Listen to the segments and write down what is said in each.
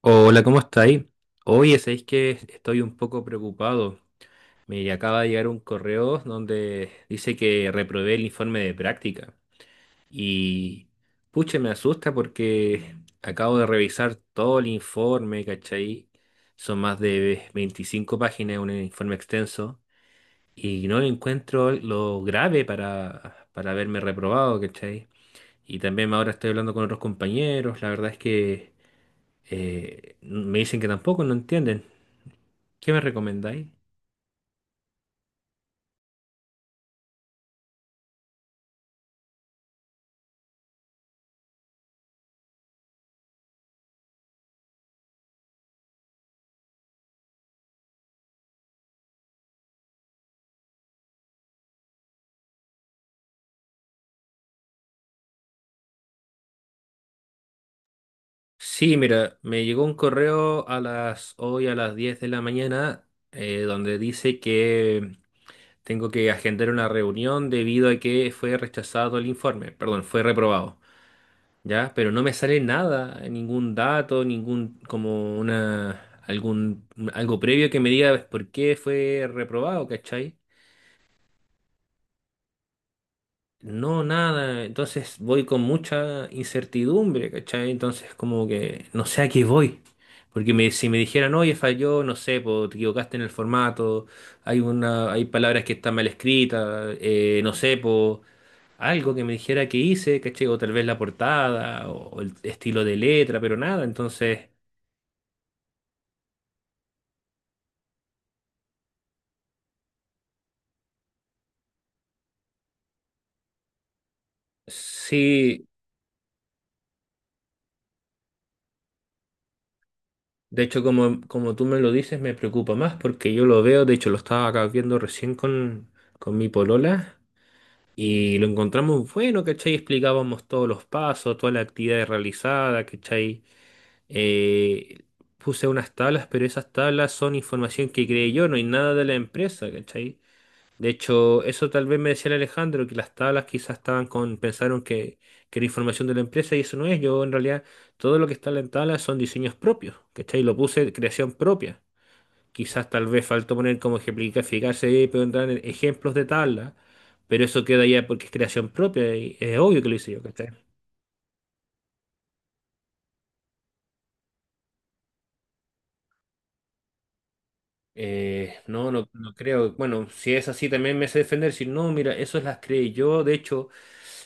Hola, ¿cómo estáis? Oye, sabéis que estoy un poco preocupado. Me acaba de llegar un correo donde dice que reprobé el informe de práctica. Y pucha, me asusta porque acabo de revisar todo el informe, ¿cachai? Son más de 25 páginas, un informe extenso. Y no le encuentro lo grave para, haberme reprobado, ¿cachai? Y también ahora estoy hablando con otros compañeros. La verdad es que me dicen que tampoco, no entienden. ¿Qué me recomendáis? Sí, mira, me llegó un correo a las hoy a las 10 de la mañana donde dice que tengo que agendar una reunión debido a que fue rechazado el informe, perdón, fue reprobado, ¿ya? Pero no me sale nada, ningún dato, ningún como una algún algo previo que me diga por qué fue reprobado, ¿cachai? No, nada. Entonces voy con mucha incertidumbre, ¿cachai? Entonces como que no sé a qué voy. Porque si me dijeran, oye, falló, no sé, po, te equivocaste en el formato, hay una, hay palabras que están mal escritas, no sé, po, algo que me dijera que hice, ¿cachai? O tal vez la portada, o el estilo de letra, pero nada. Entonces, sí, de hecho, como, como tú me lo dices, me preocupa más porque yo lo veo, de hecho, lo estaba acá viendo recién con mi polola. Y lo encontramos bueno, ¿cachai? Explicábamos todos los pasos, toda la actividad realizada, ¿cachai? Eh, puse unas tablas, pero esas tablas son información que creé yo, no hay nada de la empresa, ¿cachai? De hecho, eso tal vez me decía el Alejandro, que las tablas quizás estaban con, pensaron que era información de la empresa y eso no es. Yo en realidad todo lo que está en la tabla son diseños propios, ¿cachai? Lo puse creación propia. Quizás tal vez faltó poner como ejemplificarse y preguntar en ejemplos de tabla, pero eso queda ya porque es creación propia y es obvio que lo hice yo, ¿cachai? No, no creo. Bueno, si es así también me sé defender, si no, mira, eso las creé yo, de hecho,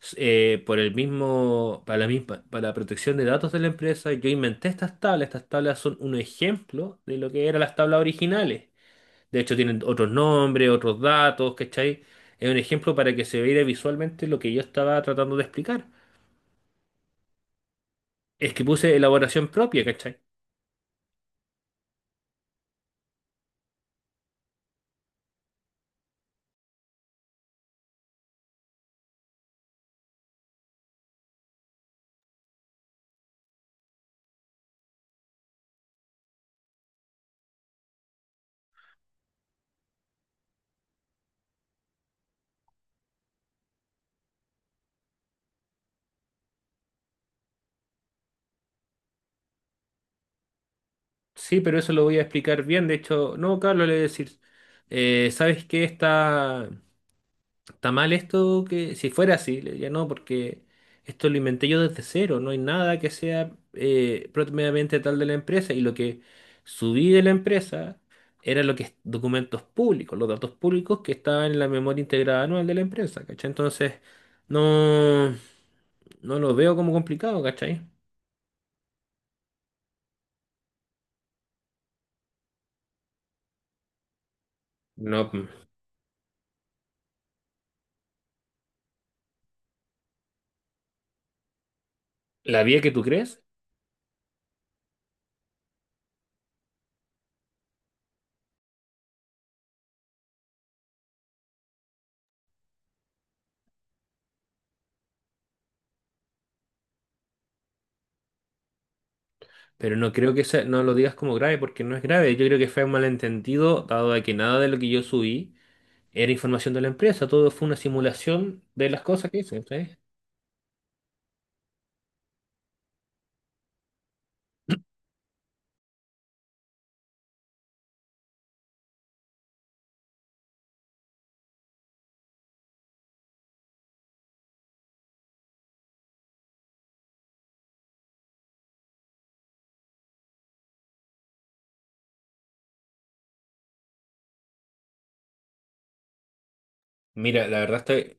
por el mismo, para la misma, para la protección de datos de la empresa, yo inventé estas tablas son un ejemplo de lo que eran las tablas originales. De hecho, tienen otros nombres, otros datos, ¿cachai? Es un ejemplo para que se vea visualmente lo que yo estaba tratando de explicar. Es que puse elaboración propia, ¿cachai? Sí, pero eso lo voy a explicar bien. De hecho, no, Carlos, le voy a decir, ¿sabes qué? ¿Está mal esto que si fuera así? Le diría, no, porque esto lo inventé yo desde cero, no hay nada que sea propiamente tal de la empresa y lo que subí de la empresa era lo que es documentos públicos, los datos públicos que estaban en la memoria integrada anual de la empresa, ¿cachai? Entonces, no, no lo veo como complicado, ¿cachai? No, la vía que tú crees, pero no creo que no lo digas como grave porque no es grave, yo creo que fue un malentendido dado de que nada de lo que yo subí era información de la empresa, todo fue una simulación de las cosas que hice. ¿Entendés? Mira, la verdad está,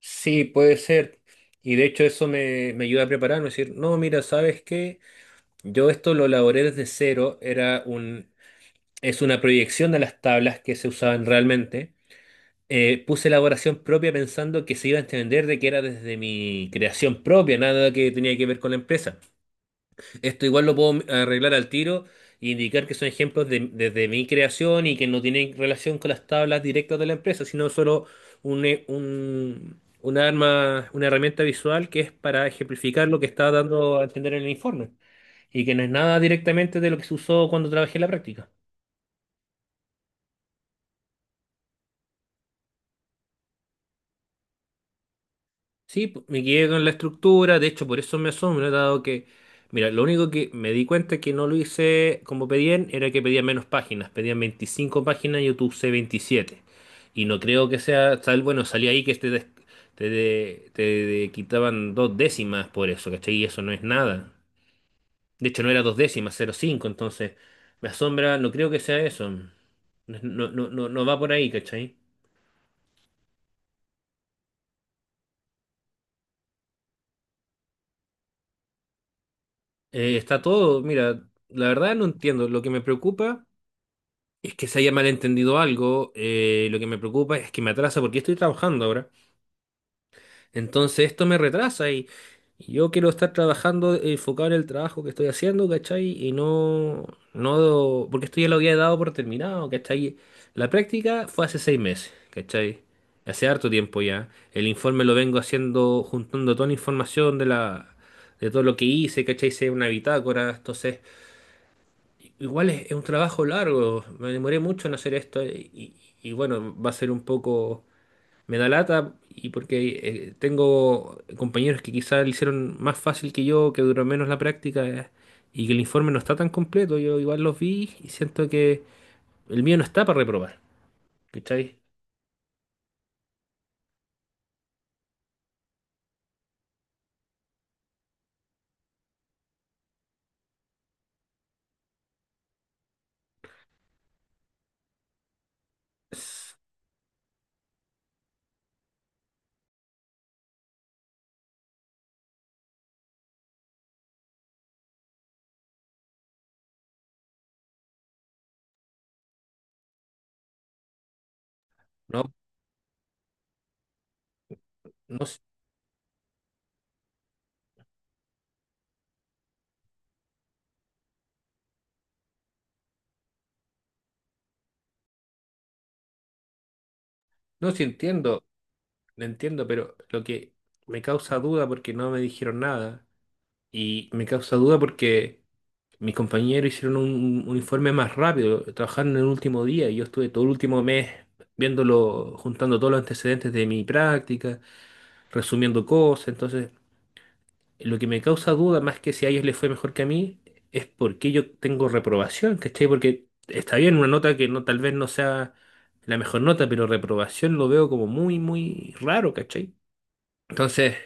sí, puede ser. Y de hecho eso me, me ayuda a prepararme, es decir, no, mira, ¿sabes qué? Yo esto lo elaboré desde cero, era un, es una proyección de las tablas que se usaban realmente. Puse elaboración propia pensando que se iba a entender de que era desde mi creación propia, nada que tenía que ver con la empresa. Esto igual lo puedo arreglar al tiro e indicar que son ejemplos desde mi creación y que no tienen relación con las tablas directas de la empresa, sino solo una arma, una herramienta visual que es para ejemplificar lo que está dando a entender en el informe y que no es nada directamente de lo que se usó cuando trabajé en la práctica. Sí, me quedé con la estructura, de hecho por eso me asombra, dado que, mira, lo único que me di cuenta que no lo hice como pedían era que pedían menos páginas, pedían 25 páginas y yo tu usé 27. Y no creo que sea tal, bueno, salía ahí que te, des- te de- quitaban dos décimas por eso, ¿cachai? Y eso no es nada. De hecho no era dos décimas, cero coma cinco. Entonces me asombra, no creo que sea eso. No, no, no, no va por ahí, ¿cachai? Está todo, mira, la verdad no entiendo, lo que me preocupa... Es que se haya malentendido algo, lo que me preocupa es que me atrasa porque estoy trabajando ahora. Entonces esto me retrasa y yo quiero estar trabajando, enfocado en el trabajo que estoy haciendo, ¿cachai? Y no, no, porque esto ya lo había dado por terminado, ¿cachai? La práctica fue hace seis meses, ¿cachai? Hace harto tiempo ya. El informe lo vengo haciendo, juntando toda la información de la, de todo lo que hice, ¿cachai? Hice una bitácora, entonces... Igual es un trabajo largo, me demoré mucho en hacer esto y bueno, va a ser un poco, me da lata y porque tengo compañeros que quizás lo hicieron más fácil que yo, que duró menos la práctica, y que el informe no está tan completo, yo igual los vi y siento que el mío no está para reprobar, ¿cachai? Es- No, no, s- no si entiendo, lo entiendo, pero lo que me causa duda porque no me dijeron nada y me causa duda porque... Mis compañeros hicieron un informe más rápido, trabajaron en el último día y yo estuve todo el último mes viéndolo, juntando todos los antecedentes de mi práctica, resumiendo cosas. Entonces, lo que me causa duda, más que si a ellos les fue mejor que a mí, es por qué yo tengo reprobación, ¿cachai? Porque está bien una nota que no, tal vez no sea la mejor nota, pero reprobación lo veo como muy, muy raro, ¿cachai? Entonces.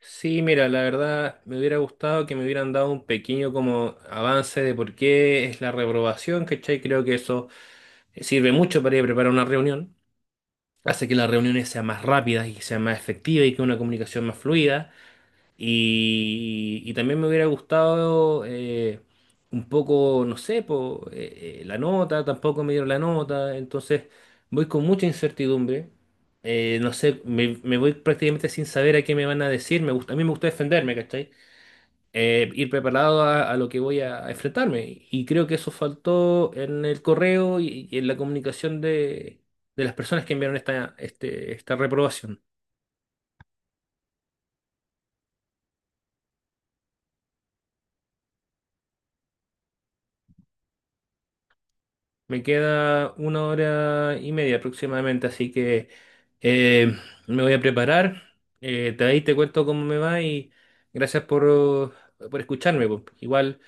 Sí, mira, la verdad me hubiera gustado que me hubieran dado un pequeño como avance de por qué es la reprobación, ¿cachai? Creo que eso sirve mucho para ir a preparar una reunión, hace que las reuniones sean más rápidas y sean más efectivas y que una comunicación más fluida. Y también me hubiera gustado un poco, no sé, po, la nota, tampoco me dieron la nota, entonces voy con mucha incertidumbre, no sé, me voy prácticamente sin saber a qué me van a decir. Me gusta, a mí me gusta defenderme, ¿cachai? Ir preparado a lo que voy a enfrentarme. Y creo que eso faltó en el correo y en la comunicación de las personas que enviaron esta reprobación. Me queda una hora y media aproximadamente, así que eh, me voy a preparar. De ahí te cuento cómo me va y gracias por escucharme. Po. Igual.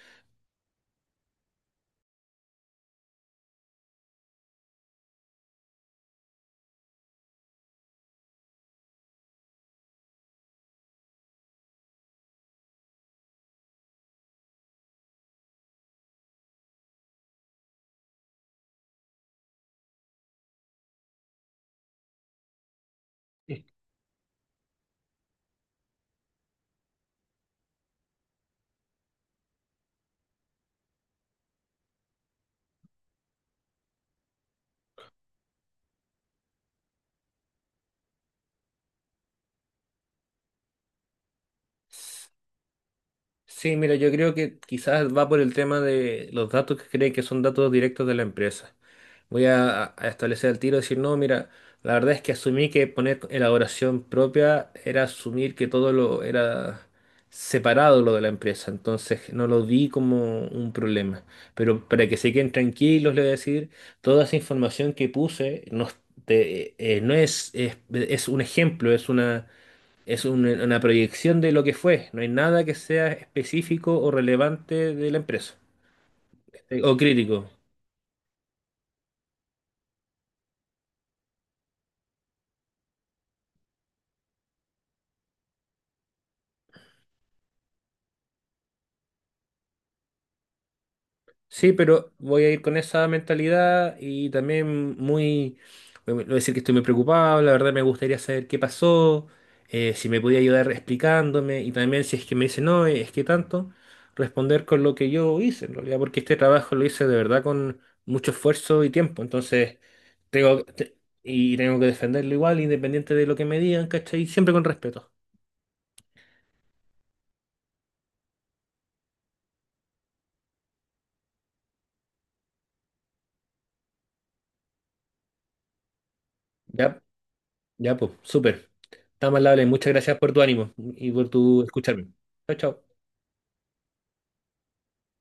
Sí, mira, yo creo que quizás va por el tema de los datos que creen que son datos directos de la empresa. Voy a establecer el tiro y decir, no, mira, la verdad es que asumí que poner elaboración propia era asumir que todo lo era separado lo de la empresa, entonces no lo vi como un problema. Pero para que se queden tranquilos, les voy a decir, toda esa información que puse no, no es, es un ejemplo, es una, es un- una proyección de lo que fue. No hay nada que sea específico o relevante de la empresa o crítico. Sí, pero voy a ir con esa mentalidad y también muy, voy a decir que estoy muy preocupado, la verdad me gustaría saber qué pasó, si me podía ayudar explicándome y también si es que me dice no, es que tanto, responder con lo que yo hice en realidad, porque este trabajo lo hice de verdad con mucho esfuerzo y tiempo, entonces tengo te- y tengo que defenderlo igual, independiente de lo que me digan, ¿cachai? Siempre con respeto. Ya, ya, pues, súper. Está más muchas gracias por tu ánimo y por tu escucharme. Chao, chao.